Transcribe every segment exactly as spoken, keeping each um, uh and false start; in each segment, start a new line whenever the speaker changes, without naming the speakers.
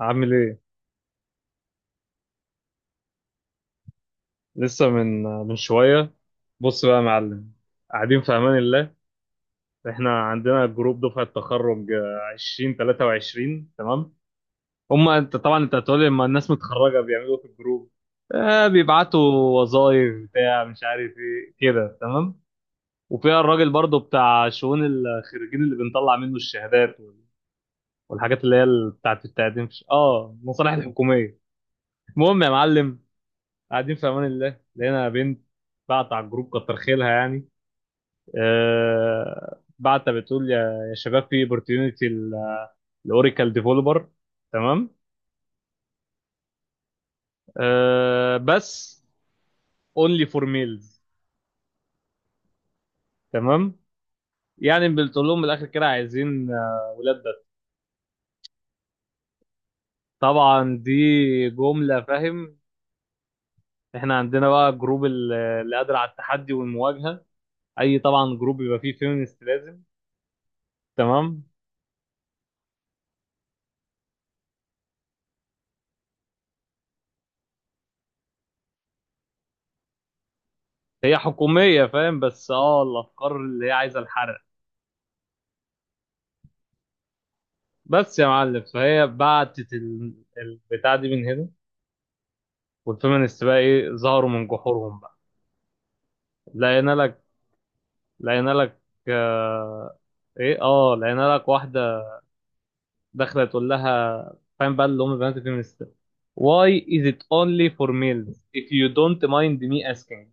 عامل ايه؟ لسه من من شوية. بص بقى يا معلم، قاعدين في أمان الله. احنا عندنا جروب دفعة تخرج، آه، عشرين تلاتة وعشرين، تمام. هما انت طبعا انت هتقولي لما الناس متخرجة بيعملوا إيه في الجروب؟ آه، بيبعتوا وظايف بتاع مش عارف ايه كده، تمام. وفيها الراجل برضو بتاع شؤون الخريجين اللي بنطلع منه الشهادات والحاجات، اللي هي ال- بتاعت التقديم في- اه المصالح الحكومية. المهم يا معلم، قاعدين في امان الله، لقينا بنت بعت على الجروب، كتر خيرها يعني. آه بعت بتقول يا يا شباب، في اوبورتيونيتي الاوراكل ديفلوبر، تمام. آه بس، اونلي فور ميلز، تمام. يعني بتقول لهم من الاخر كده عايزين، آه ولاد بس. طبعا دي جمله، فاهم. احنا عندنا بقى جروب ال- اللي قادر على التحدي والمواجهه. اي طبعا جروب يبقى فيه فيمينست لازم، تمام. هي حكوميه، فاهم، بس اه الافكار اللي هي عايزه الحرق. بس يا معلم، فهي بعتت ال- البتاع دي من هنا، والفيمينست بقى ايه ظهروا من جحورهم بقى. لقينا لك لقينا لك آه ايه اه لقينا لك واحده داخله تقول لها، فاهم بقى، اللي هم البنات الفيمينست. Why is it only for males if you don't mind me asking؟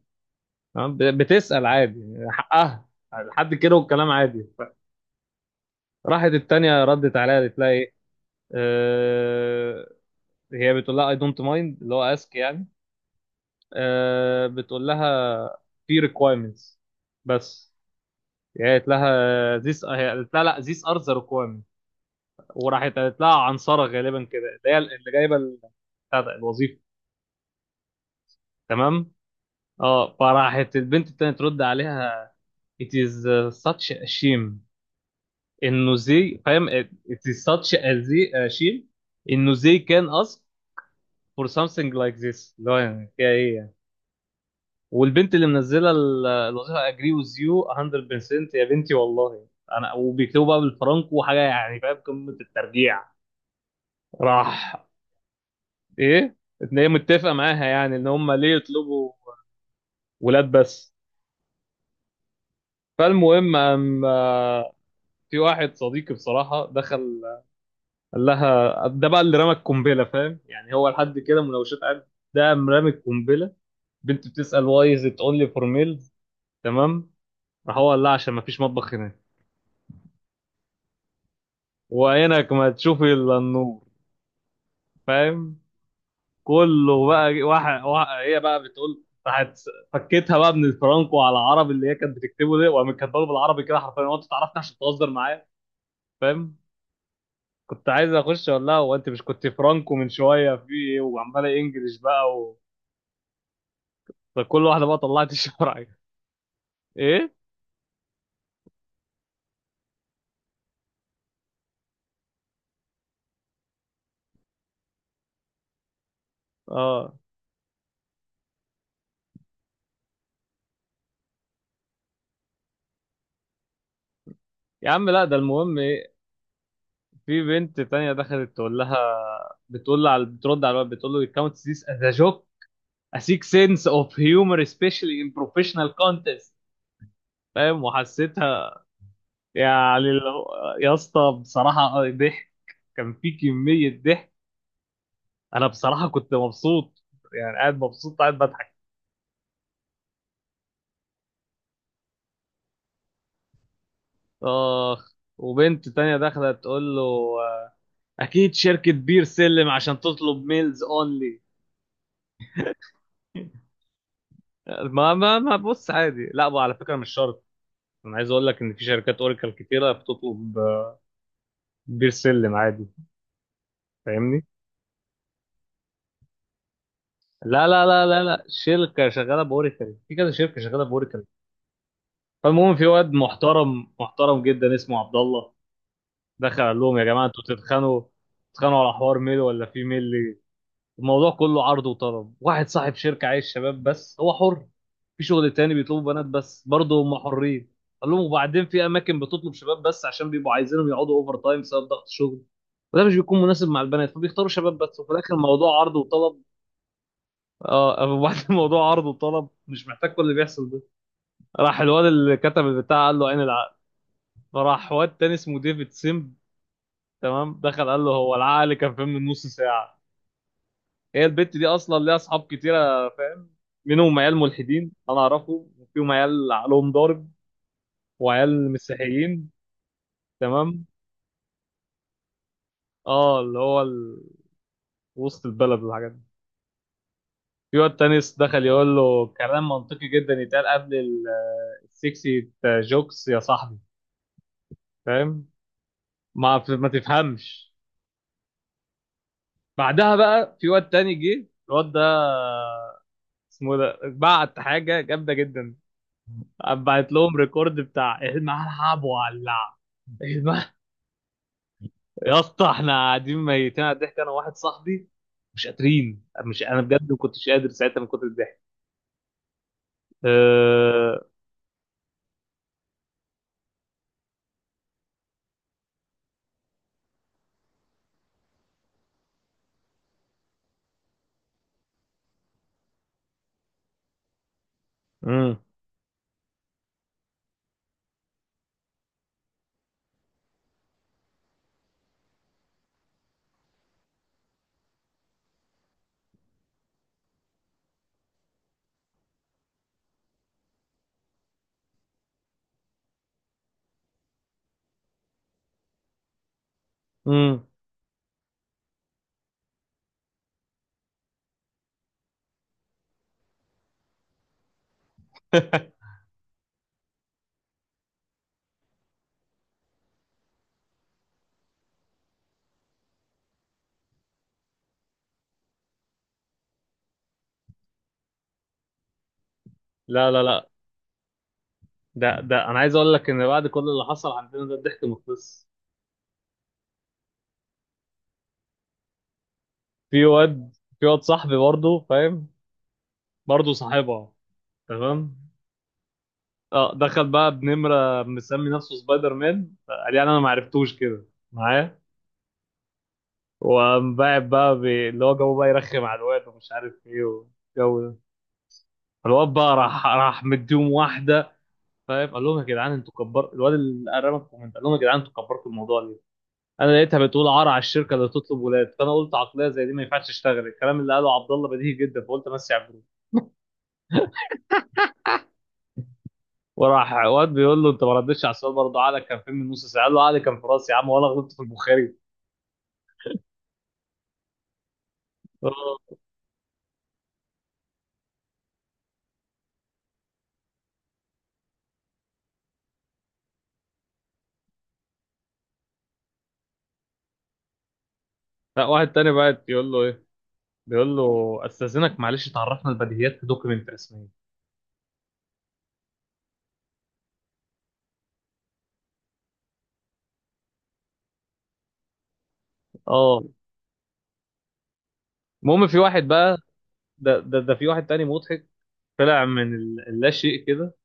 تمام؟ ب- بتسأل عادي حقها، لحد كده والكلام عادي. راحت التانية ردت عليها قالت لها ايه؟ آه هي بتقول لها I don't mind، اللي هو ask يعني. آه، بتقول لها في requirements، بس. يعني قالت لها this، هي قالت لها لا، these are the requirements. وراحت قالت لها عنصرة غالبا كده، اللي هي اللي جايبة ال- بتاع ده، الوظيفة، تمام. اه فراحت البنت التانية ترد عليها، it is such a shame، انه زي فاهم it is such a زي- a shame، انه زي can ask for something like this، اللي هو يعني فيها ايه يعني؟ والبنت اللي منزله ال- الوظيفه، اجري وذ يو مية في المية يا بنتي والله. انا وبيكتبوا بقى بالفرنك وحاجه يعني، فاهم، قمه الترجيع. راح ايه ان هي متفقه معاها، يعني ان هم ليه يطلبوا ولاد بس. فالمهم أم في واحد صديقي بصراحه دخل قال لها ده بقى اللي رمى القنبله، فاهم. يعني هو لحد كده مناوشات، قد ده مرمي القنبله. بنت بتسال واي از ات اونلي فور ميلز، تمام. راح هو قال لها عشان ما فيش مطبخ هنا، وعينك ما تشوفي الا النور، فاهم. كله بقى واحد, واحد هي بقى بتقول راحت، فكيتها بقى من الفرانكو على العربي اللي هي كانت بتكتبه ده، وقامت كاتبه له بالعربي كده حرفيا: هو انت تعرفني عشان تهزر معايا؟ فاهم. كنت عايز اخش اقول لها هو انت مش كنت فرانكو من شويه، في ايه وعماله انجلش بقى و... فكل واحده بقى طلعت الشرعي. ايه اه يا عم، لا ده المهم ايه. في بنت تانية دخلت تقول لها، بتقول لها على بترد على الواد بتقول له: الكاونت ذيس از ا جوك، اسيك سنس اوف هيومر سبيشالي ان بروفيشنال كونتست. فاهم، وحسيتها، يعني اللي هو- يا اسطى بصراحه، آه، ضحك. كان في كميه ضحك. انا بصراحه كنت مبسوط، يعني قاعد مبسوط قاعد بضحك. اخ، وبنت تانية داخله تقول له، آه، اكيد شركه بير سلم عشان تطلب ميلز اونلي. ما ما ما بص عادي، لا بقى على فكره مش شرط. انا عايز اقول لك ان في شركات اوراكل كتيره بتطلب آه، بير سلم عادي. فاهمني. لا لا لا لا لا، شركه شغاله باوريكل، في كذا شركه شغاله باوريكل. فالمهم في واد محترم محترم جدا اسمه عبد الله، دخل قال لهم يا جماعه انتوا تتخانقوا تتخانقوا على حوار ميل ولا في ميل. الموضوع كله عرض وطلب. واحد صاحب شركه عايز شباب بس، هو حر. في شغل تاني بيطلبوا بنات بس برضه، هم حرين. قال لهم وبعدين في اماكن بتطلب شباب بس عشان بيبقوا عايزينهم يقعدوا اوفر تايم بسبب ضغط الشغل، وده مش بيكون مناسب مع البنات، فبيختاروا شباب بس، وفي الاخر الموضوع عرض وطلب. اه وبعد الموضوع عرض وطلب، مش محتاج كل اللي بيحصل ده. راح الواد اللي كتب البتاع قال له عين العقل. فراح واد تاني اسمه ديفيد سيمب، تمام، دخل قال له هو العقل كان فين من نص ساعة؟ هي البت دي اصلا ليها اصحاب كتيرة، فاهم، منهم عيال ملحدين انا اعرفه، وفيهم عيال عقلهم ضارب، وعيال مسيحيين، تمام. اه اللي هو ال... وسط البلد والحاجات دي. في واد تاني دخل يقول له كلام منطقي جدا يتقال قبل ال- السكسي جوكس، يا صاحبي، فاهم. ما بت- ما تفهمش. بعدها بقى في واد تاني جه، الواد ده اسمه ده، بعت حاجه جامده جدا، بعت لهم ريكورد بتاع إيه الملعب ولع. الم- يا اسطى احنا قاعدين ميتين على الضحك، انا وواحد صاحبي مش قادرين، مش انا بجد ما كنتش قادر ساعتها من كتر الضحك. أه... مم. مم. لا لا لا، ده ده انا عايز اقول لك ان بعد كل اللي حصل عندنا ده، الضحك مخلص. في واد في واد صاحبي برضه، فاهم، برضه صاحبها، تمام. اه دخل بقى بنمرة مسمي نفسه سبايدر مان، قال يعني انا ما عرفتوش كده معاه. وقام باعت بقى بي- اللي هو جو بقى يرخم على الواد ومش عارف ايه والجو ده. الواد بقى راح راح مديهم واحده، فاهم. قال لهم يا جدعان انتوا كبرتوا الواد اللي قربك الكومنت، قال لهم يا جدعان انتوا كبرتوا الموضوع ليه؟ انا لقيتها بتقول عار على الشركه اللي تطلب ولاد، فانا قلت عقليه زي دي ما ينفعش تشتغل، الكلام اللي قاله عبد الله بديهي جدا، فقلت امسي على الجروب. وراح واد بيقول له انت ما ردتش على السؤال برضه، عقلك كان فين من نص ساعه؟ قال له عقلي كان في راسي يا عم، وانا غلطت في البخاري. لا، واحد تاني بقى يقول له ايه، بيقول له استاذنك معلش تعرفنا البديهيات في دوكيمنت رسميه. اه المهم في واحد بقى، ده ده, ده في واحد تاني مضحك طلع من ال- اللا شيء كده.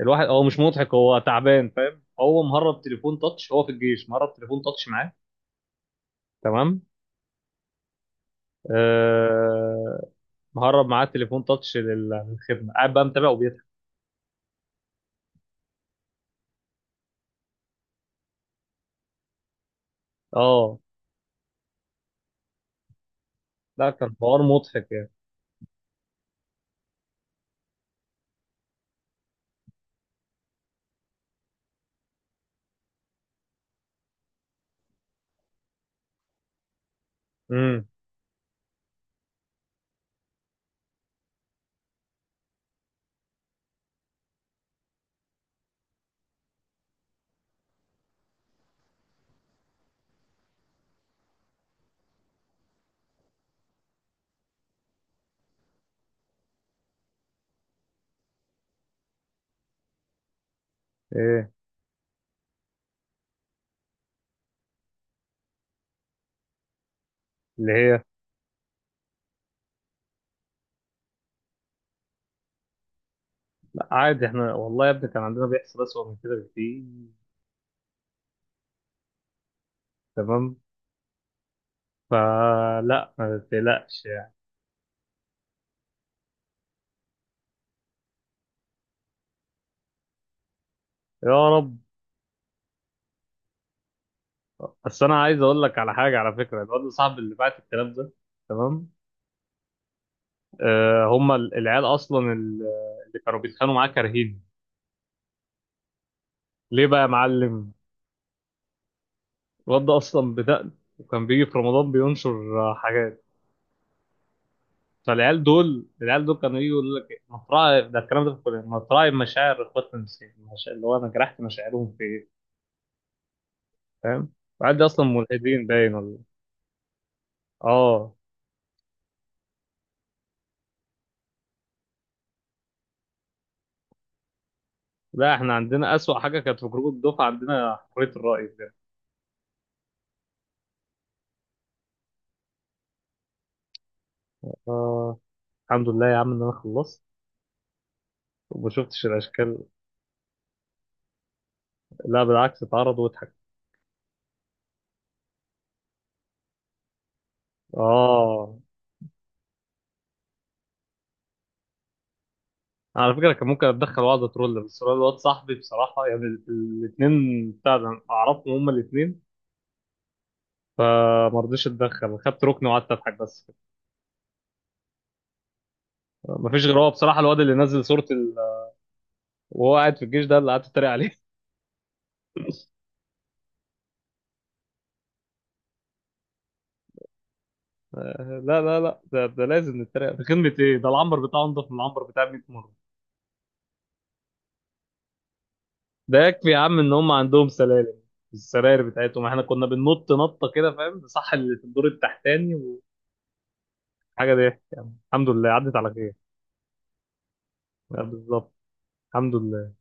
الواحد هو مش مضحك، هو تعبان، فاهم، هو مهرب تليفون تاتش، هو في الجيش مهرب تليفون تاتش معاه، تمام. آه مهرب معاه تليفون تاتش لل- للخدمه، قاعد بقى متابع وبيضحك. اه ده كان حوار مضحك يعني. امم ايه اللي هي. لا عادي، احنا والله يا ابني كان عندنا بيحصل اسوء من كده بكتير، تمام. فلا ما تقلقش يعني. يا رب. بس انا عايز اقول لك على حاجه، على فكره الواد صاحب اللي بعت الكلام ده، تمام، آه هم ال- العيال اصلا ال- اللي كانوا بيتخانقوا معاه كارهين ليه بقى يا معلم؟ الواد ده اصلا بدأ، وكان بيجي في رمضان بينشر آه، حاجات. فالعيال دول العيال دول كانوا يجوا يقول لك إيه، مطرح ده الكلام ده في الكليه، مطرح مشاعر اخواتنا المسيحيين، مشاعر- اللي هو انا جرحت مشاعرهم في ايه؟ فاهم. العيال دي اصلا ملحدين باين ولا. اه لا احنا عندنا أسوأ حاجة كانت في جروب الدفعة، عندنا حرية الرأي بجد. آه، الحمد لله يا عم إن أنا خلصت وما شفتش الأشكال. لا بالعكس، اتعرض واتحك. آه على فكرة كان ممكن أتدخل وأقعد أترول، بس هو الواد صاحبي بصراحة، يعني ال- الاتنين بتاع ده أعرفهم هما الاتنين، فما رضيتش أتدخل، خدت ركن وقعدت أضحك بس كده. مفيش غير هو بصراحة، الواد اللي نزل صورة ال... وهو قاعد في الجيش، ده اللي قعدت أتريق عليه آه، لا لا لا، ده, ده لازم نتريق. في خدمة إيه؟ ده العنبر بتاعه أنضف من العنبر بتاع مية مرة. ده يكفي يا عم ان هم عندهم سلالم، السراير بتاعتهم احنا كنا بننط نطه كده، فاهم صح، اللي في الدور التحتاني، وحاجه ضحك يعني. الحمد لله عدت على خير. لا، بالظبط. الحمد لله.